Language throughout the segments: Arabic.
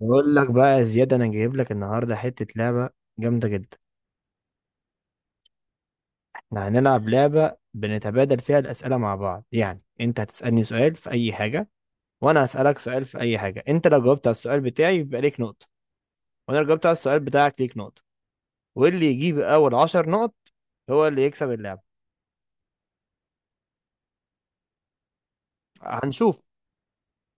بقول لك بقى يا زياد، انا جايب لك النهارده حته لعبه جامده جدا. احنا هنلعب لعبه بنتبادل فيها الاسئله مع بعض، يعني انت هتسالني سؤال في اي حاجه وانا هسالك سؤال في اي حاجه. انت لو جاوبت على السؤال بتاعي يبقى ليك نقطه، وانا لو جاوبت على السؤال بتاعك ليك نقطه. واللي يجيب اول عشر نقط هو اللي يكسب اللعبه. هنشوف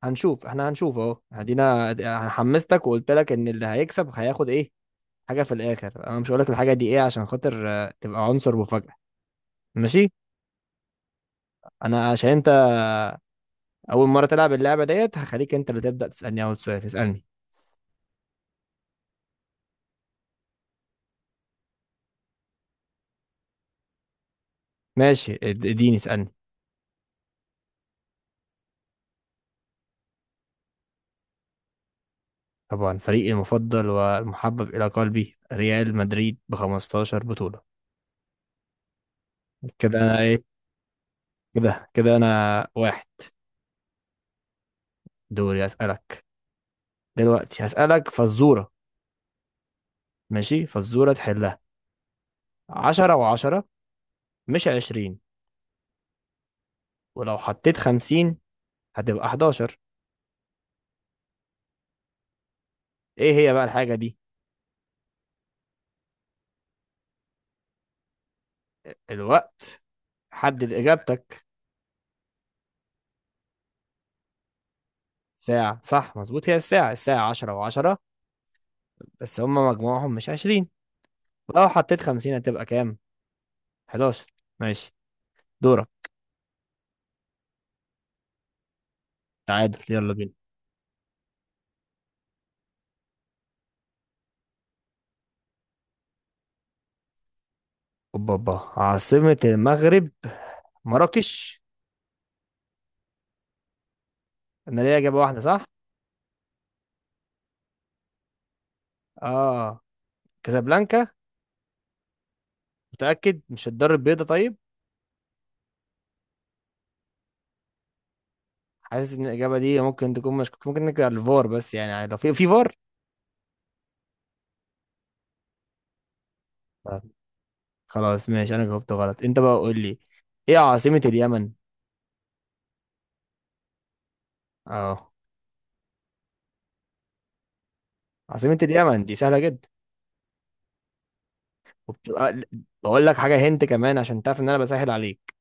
هنشوف اهو هدينا. أنا حمستك وقلت لك ان اللي هيكسب هياخد ايه، حاجه في الاخر. انا مش هقول لك الحاجه دي ايه عشان خاطر تبقى عنصر مفاجاه. ماشي، انا عشان انت اول مره تلعب اللعبه ديت هخليك انت اللي تبدا تسالني اول سؤال. اسالني. ماشي، اديني اسالني. طبعا فريقي المفضل والمحبب الى قلبي ريال مدريد ب 15 بطوله. كده انا ايه كده كده انا واحد. دوري. اسالك دلوقتي، هسالك فزوره. ماشي، فزوره تحلها. 10 و10 مش 20، ولو حطيت 50 هتبقى 11. ايه هي بقى الحاجه دي؟ الوقت. حدد اجابتك. ساعه، صح، مظبوط. هي الساعه 10 و10، بس هم مجموعهم مش 20. لو حطيت 50 هتبقى كام؟ 11. ماشي. دورك. تعادل، يلا بينا. اوبا اوبا، عاصمة المغرب مراكش. انا ليا اجابة واحدة صح. اه، كازابلانكا. متأكد مش الدار البيضاء؟ طيب. حاسس ان الاجابة دي ممكن تكون مشكوك، ممكن نرجع للفار بس يعني لو في فار. طيب، خلاص ماشي، انا جاوبت غلط. انت بقى قول لي، ايه عاصمة اليمن؟ اه، عاصمة اليمن دي سهلة جدا، وبتبقى. بقول لك حاجة هنت كمان عشان تعرف ان انا بسهل عليك.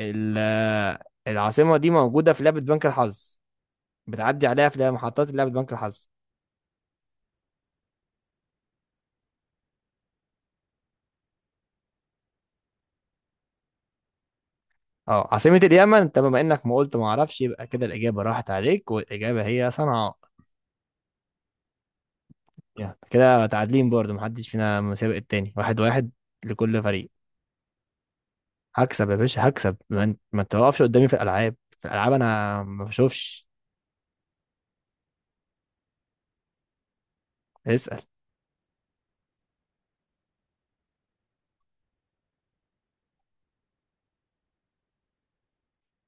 ال- العاصمة دي موجودة في لعبة بنك الحظ، بتعدي عليها في محطات لعبة بنك الحظ. اه، عاصمة اليمن، انت بما انك ما قلت ما اعرفش يبقى كده الإجابة راحت عليك، والإجابة هي صنعاء. يعني كده تعادلين برضو، محدش فينا مسابق التاني. واحد واحد لكل فريق. هكسب يا باشا هكسب، ما انت ما توقفش قدامي. في الألعاب انا ما بشوفش. اسأل.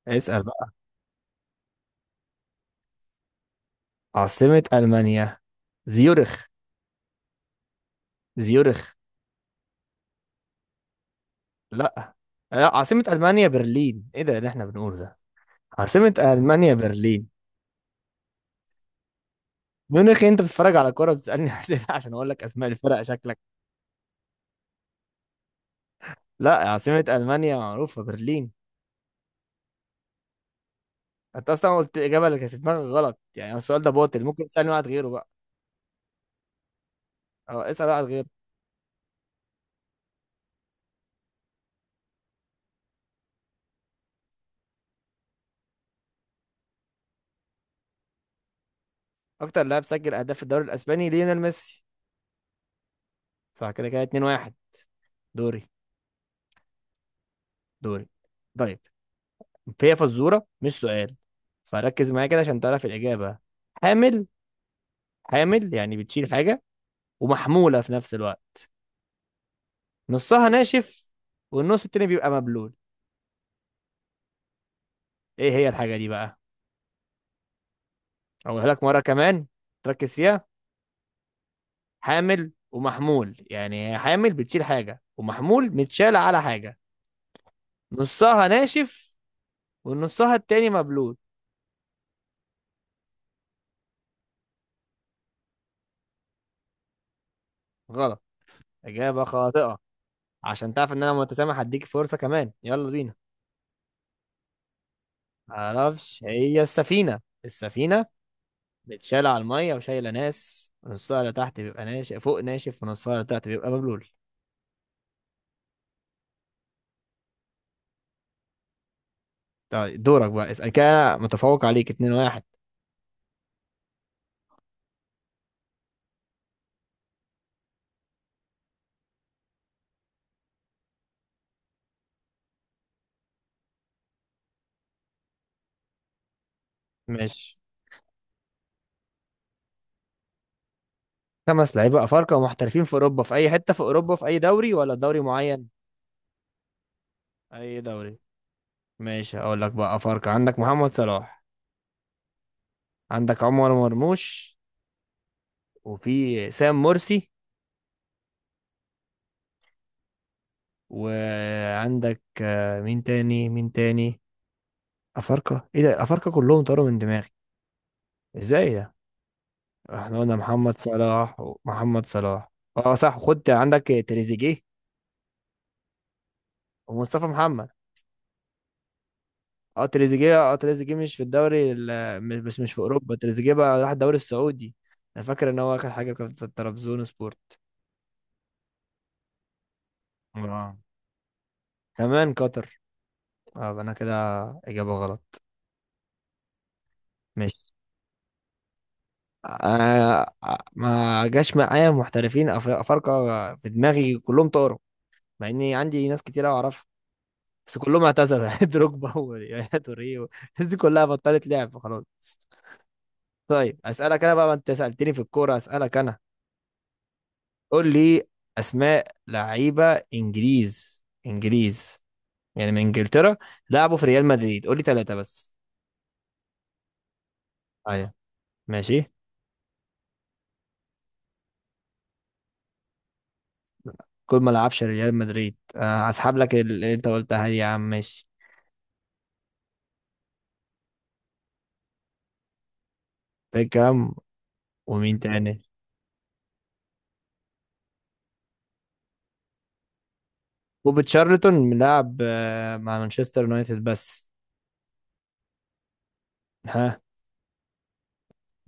اسأل بقى. عاصمة ألمانيا زيورخ. زيورخ. لا. لا، عاصمة ألمانيا برلين، ايه ده اللي احنا بنقوله ده؟ عاصمة ألمانيا برلين. ميونخ؟ أنت بتتفرج على كورة بتسألني أسئلة عشان أقول لك أسماء الفرق، شكلك. لا، عاصمة ألمانيا معروفة برلين. أنت أصلا قلت الإجابة اللي كانت في دماغك غلط، يعني السؤال ده باطل. ممكن تسألني واحد غيره بقى. أه، اسأل واحد غيره. أكتر لاعب سجل أهداف في الدوري الأسباني ليونيل ميسي. صح. كده كده 2-1. دوري دوري. طيب، هي فزورة مش سؤال، فركز معايا كده عشان تعرف الإجابة. حامل. حامل يعني بتشيل حاجة ومحمولة في نفس الوقت. نصها ناشف والنص التاني بيبقى مبلول. ايه هي الحاجة دي بقى؟ اقولها لك مرة كمان، تركز فيها. حامل ومحمول، يعني هي حامل بتشيل حاجة ومحمول متشال على حاجة. نصها ناشف ونصها التاني مبلول. غلط، إجابة خاطئة. عشان تعرف إن أنا متسامح هديك فرصة كمان. يلا بينا. معرفش. هي السفينة. متشالة على المية وشايلة ناس، نصها اللي تحت بيبقى ناشف. فوق ناشف ونصها اللي تحت بيبقى مبلول. طيب دورك بقى، اسأل. كده متفوق عليك اتنين واحد. ماشي. خمس لعيبة أفارقة ومحترفين في أوروبا، في أي حتة في أوروبا؟ في أي دوري ولا دوري معين؟ أي دوري. ماشي. أقول لك بقى، أفارقة، عندك محمد صلاح. عندك عمر مرموش. وفي سام مرسي. وعندك مين تاني مين تاني؟ أفارقة، إيه ده، أفارقة كلهم طاروا من دماغي. إزاي ده؟ إحنا قلنا محمد صلاح ومحمد صلاح. أه صح، خد عندك تريزيجيه ومصطفى محمد. اه تريزيجيه، اه تريزيجيه مش في الدوري بس مش في اوروبا، تريزيجيه بقى راح الدوري السعودي. انا فاكر ان هو اخد حاجه كانت في ترابزون سبورت. اه كمان قطر. اه يبقى انا كده اجابه غلط. مش ما جاش معايا محترفين افارقه في دماغي، كلهم طاروا. مع اني عندي ناس كتير أوي اعرفها بس كلهم اعتذروا يعني دروجبا ويا توريه و-. الناس دي كلها بطلت لعب خلاص. طيب اسالك انا بقى، ما انت سالتني في الكوره اسالك انا. قول لي، اسماء لعيبه انجليز يعني من انجلترا لعبوا في ريال مدريد. قول لي ثلاثه بس. ايوه، ماشي. كل ما لعبش ريال مدريد هسحب لك اللي انت قلتها دي يا عم. ماشي. بيكهام ومين تاني؟ وبتشارلتون لاعب مع مانشستر يونايتد بس. ها.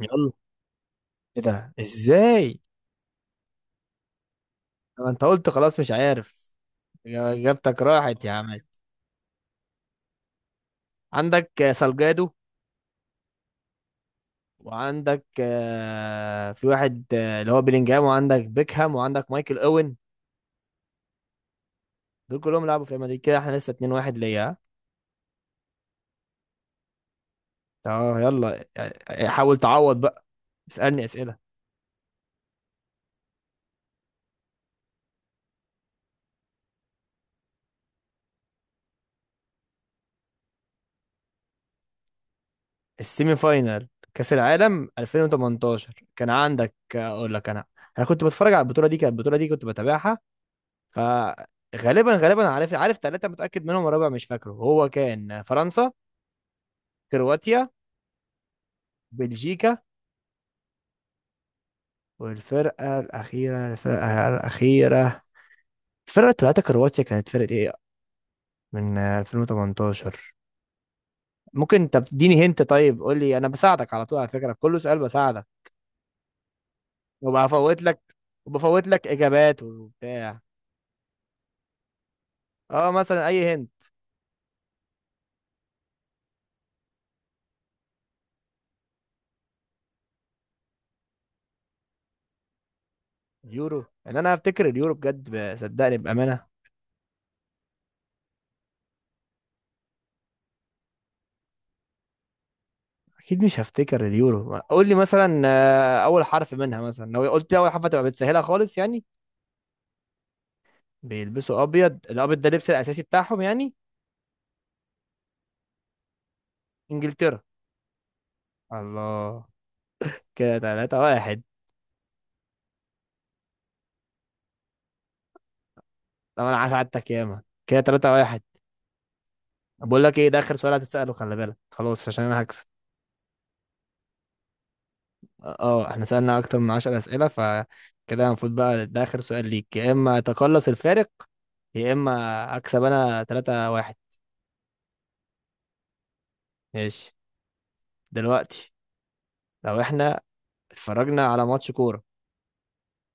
يلا. ايه ده، ازاي؟ طب انت قلت خلاص مش عارف. اجابتك راحت يا عم. عندك سالجادو، وعندك في واحد اللي هو بيلينجهام، وعندك بيكهام وعندك مايكل اوين. دول كلهم لعبوا في ريال مدريد. كده احنا لسه 2-1 ليا. ها؟ اه يلا، حاول تعوض بقى. اسألني أسئلة. السيمي فاينال كأس العالم 2018، كان عندك اقول لك انا. كنت بتفرج على البطولة دي. كنت بتابعها. فغالبا عارف. ثلاثة متأكد منهم والرابع مش فاكره. هو كان فرنسا، كرواتيا، بلجيكا، والفرقة الأخيرة. الفرقة اللي طلعت كرواتيا كانت فرقة ايه من 2018؟ ممكن انت بتديني هنت. طيب قول لي، انا بساعدك على طول، على فكرة، في كل سؤال بساعدك وبفوت لك وبفوت لك اجابات وبتاع. اه مثلا اي هنت. اليورو، ان انا هفتكر اليورو بجد، صدقني بأمانة. اكيد مش هفتكر اليورو. قول لي مثلا اول حرف منها، مثلا لو قلت لي اول حرف هتبقى بتسهلها خالص يعني. بيلبسوا ابيض. الابيض ده اللبس الاساسي بتاعهم يعني. انجلترا. الله. كده 3 1. لو انا هساعدك ياما، كده 3 واحد. بقول لك ايه، ده اخر سؤال هتساله، خلي بالك خلاص عشان انا هكسب. اه، احنا سالنا اكتر من 10 اسئله، فكده المفروض بقى ده اخر سؤال ليك، يا اما تقلص الفارق يا اما اكسب انا 3 واحد. ماشي. دلوقتي، لو احنا اتفرجنا على ماتش كوره،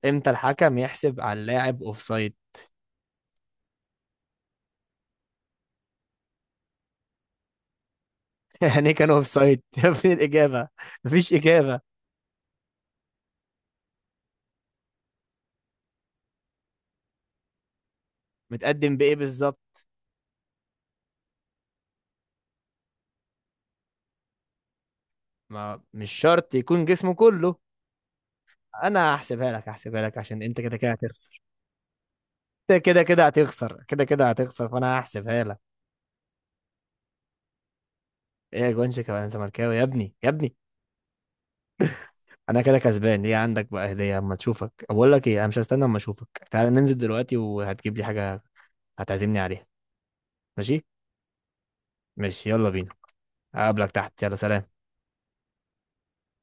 امتى الحكم يحسب على اللاعب اوفسايد؟ يعني إيه كان اوفسايد يا ابني؟ الاجابه مفيش اجابه. متقدم بايه بالظبط؟ ما مش شرط يكون جسمه كله. انا هحسبها لك، عشان انت كده كده هتخسر. انت كده كده هتخسر، فانا هحسبها لك. ايه يا جونشك، انا زملكاوي يا ابني يا ابني. انا كده كسبان. ليه؟ عندك بقى هديه اما تشوفك. بقول لك ايه، انا مش هستنى اما اشوفك، تعال ننزل دلوقتي وهتجيب لي حاجه هتعزمني عليها. ماشي. ماشي، يلا بينا. اقابلك تحت. يلا سلام.